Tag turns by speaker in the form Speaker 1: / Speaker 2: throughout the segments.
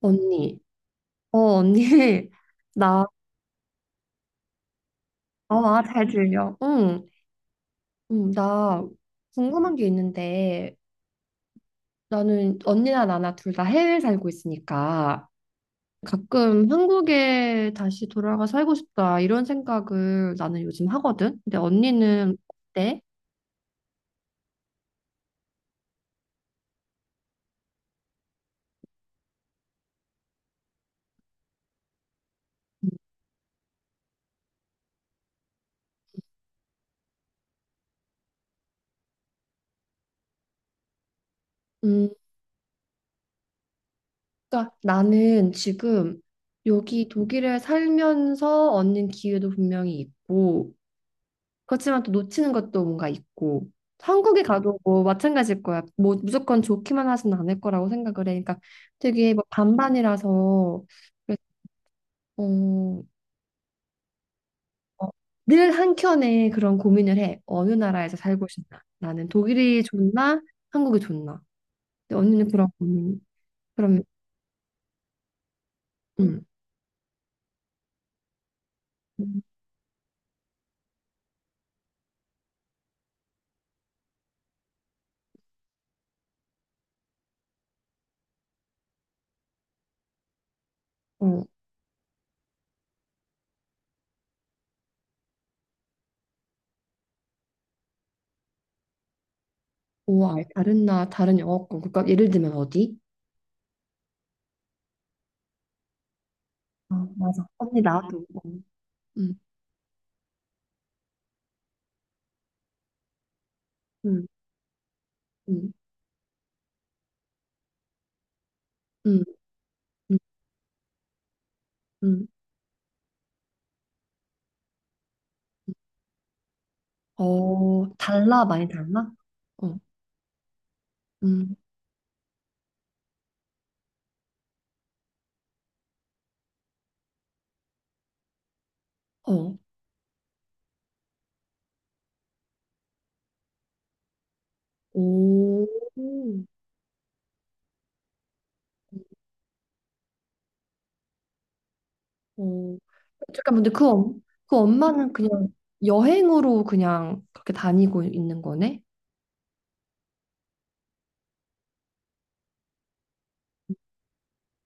Speaker 1: 언니. 언니. 나, 어, 아, 잘 들려. 응. 응, 나 궁금한 게 있는데 나는 언니나 나나 둘 다 해외에 살고 있으니까 가끔 한국에 다시 돌아가 살고 싶다 이런 생각을 나는 요즘 하거든. 근데 언니는 어때? 음. 음. 그러니까 나는 지금 여기 독일에 살면서 얻는 기회도 분명히 있고, 그렇지만 또 놓치는 것도 뭔가 있고 한국에 가도 뭐 마찬가지일 거야. 뭐 무조건 좋기만 하진 않을 거라고 생각을 해. 그러니까 되게 뭐 반반이라서 그래서 어, 어, 늘 한켠에 그런 고민을 해. 어느 나라에서 살고 싶나? 나는 독일이 좋나? 한국이 좋나? 근데 언니는 그런 고민. 그럼. 음. 음. 어, 오, 알 다른 나 다른 영어권 국가 예를 들면 어디? 아, 맞아. 언니 나도. 음. 음. 음. 음. 음. 음. 어, 달라? 많이 달라? 어. 음. 어. 오. 어. 잠깐 근데 그 엄마는 그냥 여행으로 그냥 그렇게 다니고 있는 거네?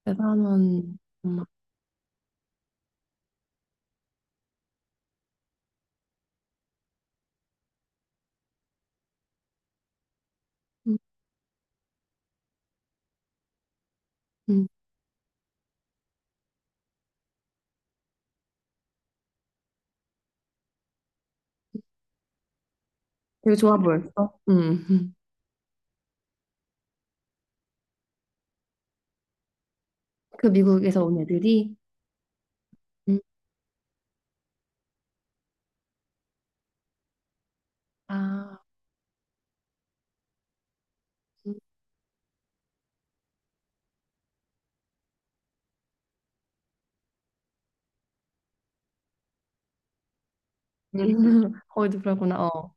Speaker 1: 대단한 엄마. 음. 음. 되게 좋아 보였어. 음. 음. 그 미국에서 온 애들이. 음. 아. 음. 거기도 그러구나. 어.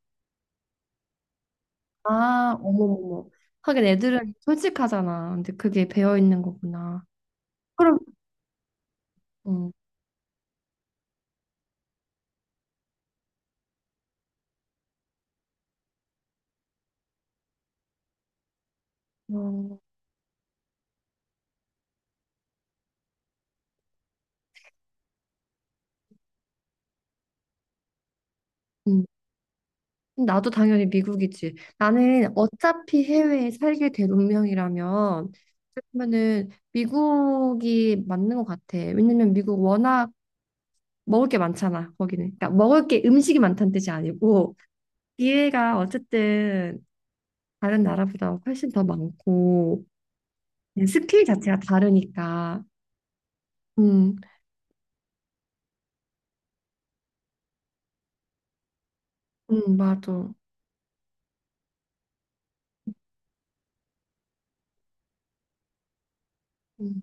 Speaker 1: 아, 어머머머. 하긴 애들은 솔직하잖아. 근데 그게 배어 있는 거구나. 그럼. 어, 어, 음. 나도 당연히 미국이지. 나는 어차피 해외에 살게 될 운명이라면 그러면은 미국이 맞는 것 같아. 왜냐면 미국 워낙 먹을 게 많잖아, 거기는. 그러니까 먹을 게 음식이 많다는 뜻이 아니고 기회가 어쨌든 다른 나라보다 훨씬 더 많고 스킬 자체가 다르니까. 음. 맞아. 음.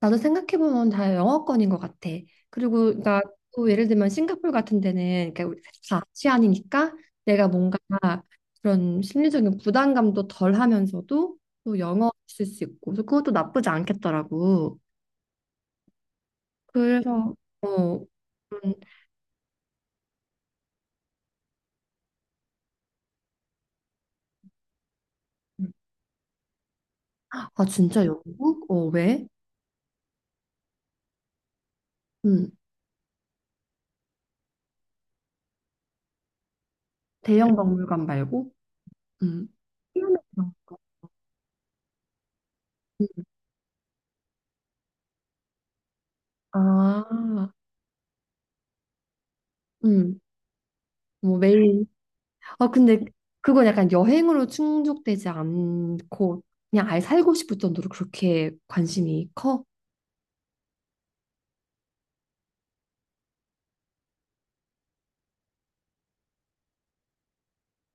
Speaker 1: 나도 생각해보면 다 영어권인 것 같아. 그리고 그러니까 또 예를 들면 싱가포르 같은 데는 그러니까 우리 다 아시안이니까 내가 뭔가 그런 심리적인 부담감도 덜 하면서도 또 영어 쓸 수 있고 그래서 그것도 나쁘지 않겠더라고. 그래서. 음. 아, 진짜 영국? 어, 왜? 음. 대형 박물관 말고? 음. 아. 음. 뭐 매일. 아, 근데 그건 약간 여행으로 충족되지 않고 그냥 아예 살고 싶을 정도로 그렇게 관심이 커?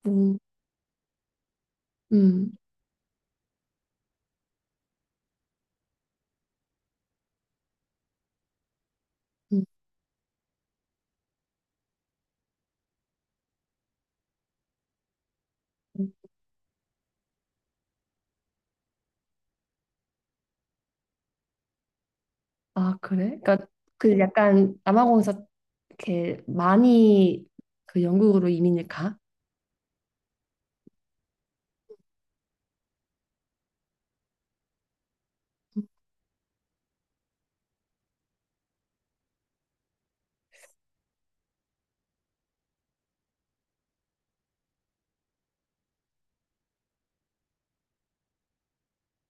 Speaker 1: 음. 음. 음. 음. 아, 그래? 그러니까 그 약간 남아공에서 이렇게 많이 그 영국으로 이민을 가?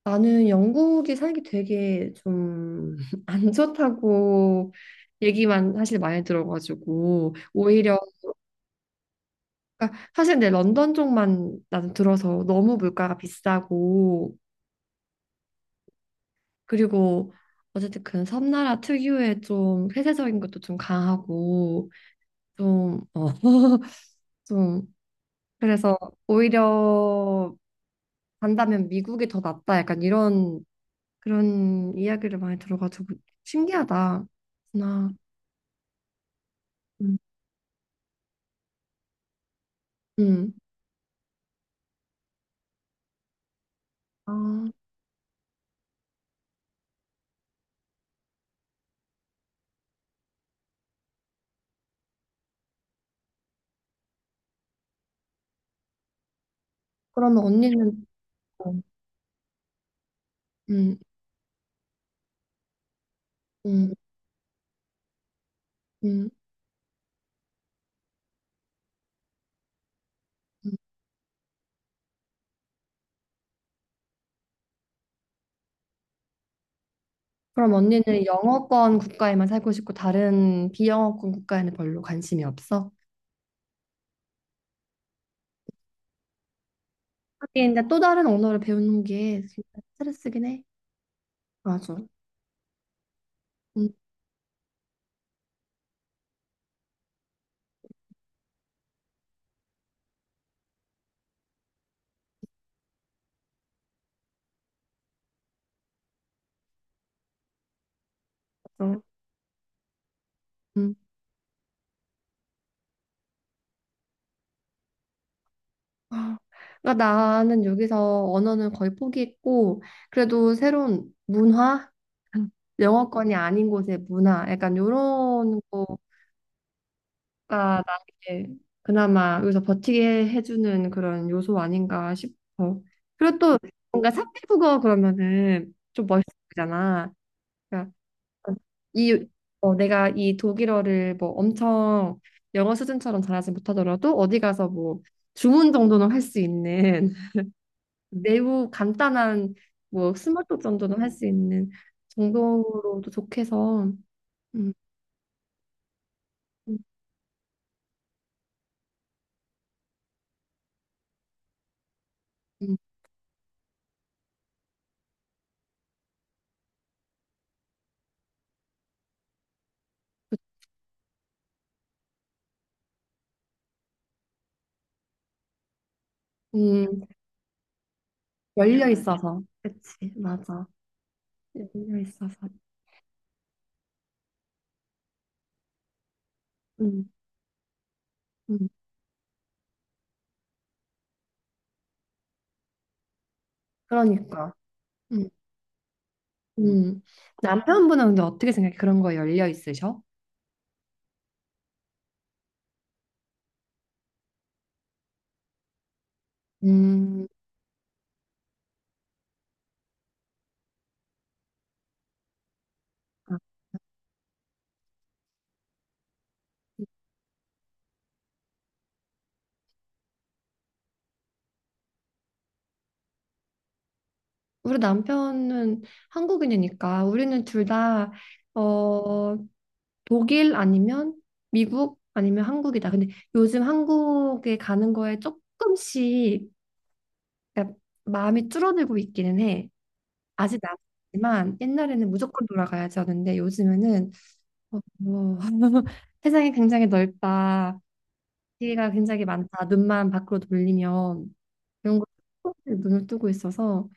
Speaker 1: 나는 영국이 살기 되게 좀 안 좋다고 얘기만 사실 많이 들어가지고 오히려 그러니까 사실 내 런던 쪽만 나는 들어서 너무 물가가 비싸고 그리고 어쨌든 그 섬나라 특유의 좀 폐쇄적인 것도 좀 강하고 좀, 좀 그래서 오히려 간다면 미국이 더 낫다 약간 이런 그런 이야기를 많이 들어가지고 신기하다. 나, 음. 음. 아, 그러면 언니는 또. 음. 음. 음. 음. 그럼 언니는 영어권 국가에만 살고 싶고 다른 비영어권 국가에는 별로 관심이 없어? 하긴 근데 또 다른 언어를 배우는 게 진짜 스트레스긴 해. 맞아. 음, 맞아. 음. 아, 그러니까 나는 여기서 언어는 거의 포기했고 그래도 새로운 문화, 영어권이 아닌 곳의 문화, 약간 요런 거가 나에게 그나마 여기서 버티게 해주는 그런 요소 아닌가 싶어. 그리고 또 뭔가 삼회국어 그러면은 좀 멋있잖아. 이. 내가 이 독일어를 뭐 엄청 영어 수준처럼 잘하지 못하더라도 어디 가서 뭐 주문 정도는 할 수 있는 매우 간단한 뭐 스몰톡 정도는 할 수 있는 정도로도 좋게서. 음. 음. 음. 음. 열려 있어서 그치. 맞아. 열려 있어서. 음. 음. 그러니까. 음. 음. 남편분은 근데 어떻게 생각해? 그런 거에 열려 있으셔? 음. 우리 남편은 한국인이니까 우리는 둘 다, 어, 독일 아니면 미국 아니면 한국이다. 근데 요즘 한국에 가는 거에 조금씩 그러니까 마음이 줄어들고 있기는 해. 아직 남지만 옛날에는 무조건 돌아가야지 하는데 요즘에는 뭐, 세상이 굉장히 넓다. 기회가 굉장히 많다. 눈만 밖으로 돌리면 이런 거 조금씩 눈을 뜨고 있어서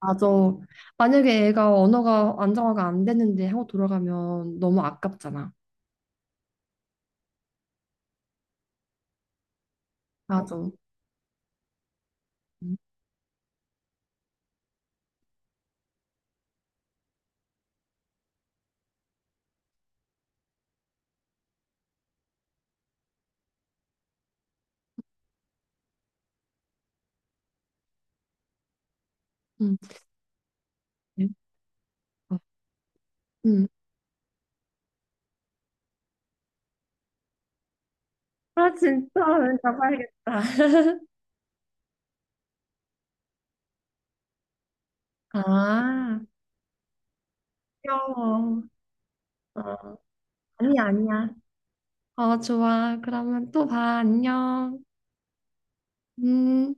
Speaker 1: 맞아. 만약에 애가 언어가 안정화가 안 됐는데 한국 돌아가면 너무 아깝잖아. 맞아. 응. 응. 응. 아, 진짜 가봐야겠다. 아, 귀여워. 어, 아니, 야 아니야. 어, 좋아. 그러면 또 봐. 안녕. 음.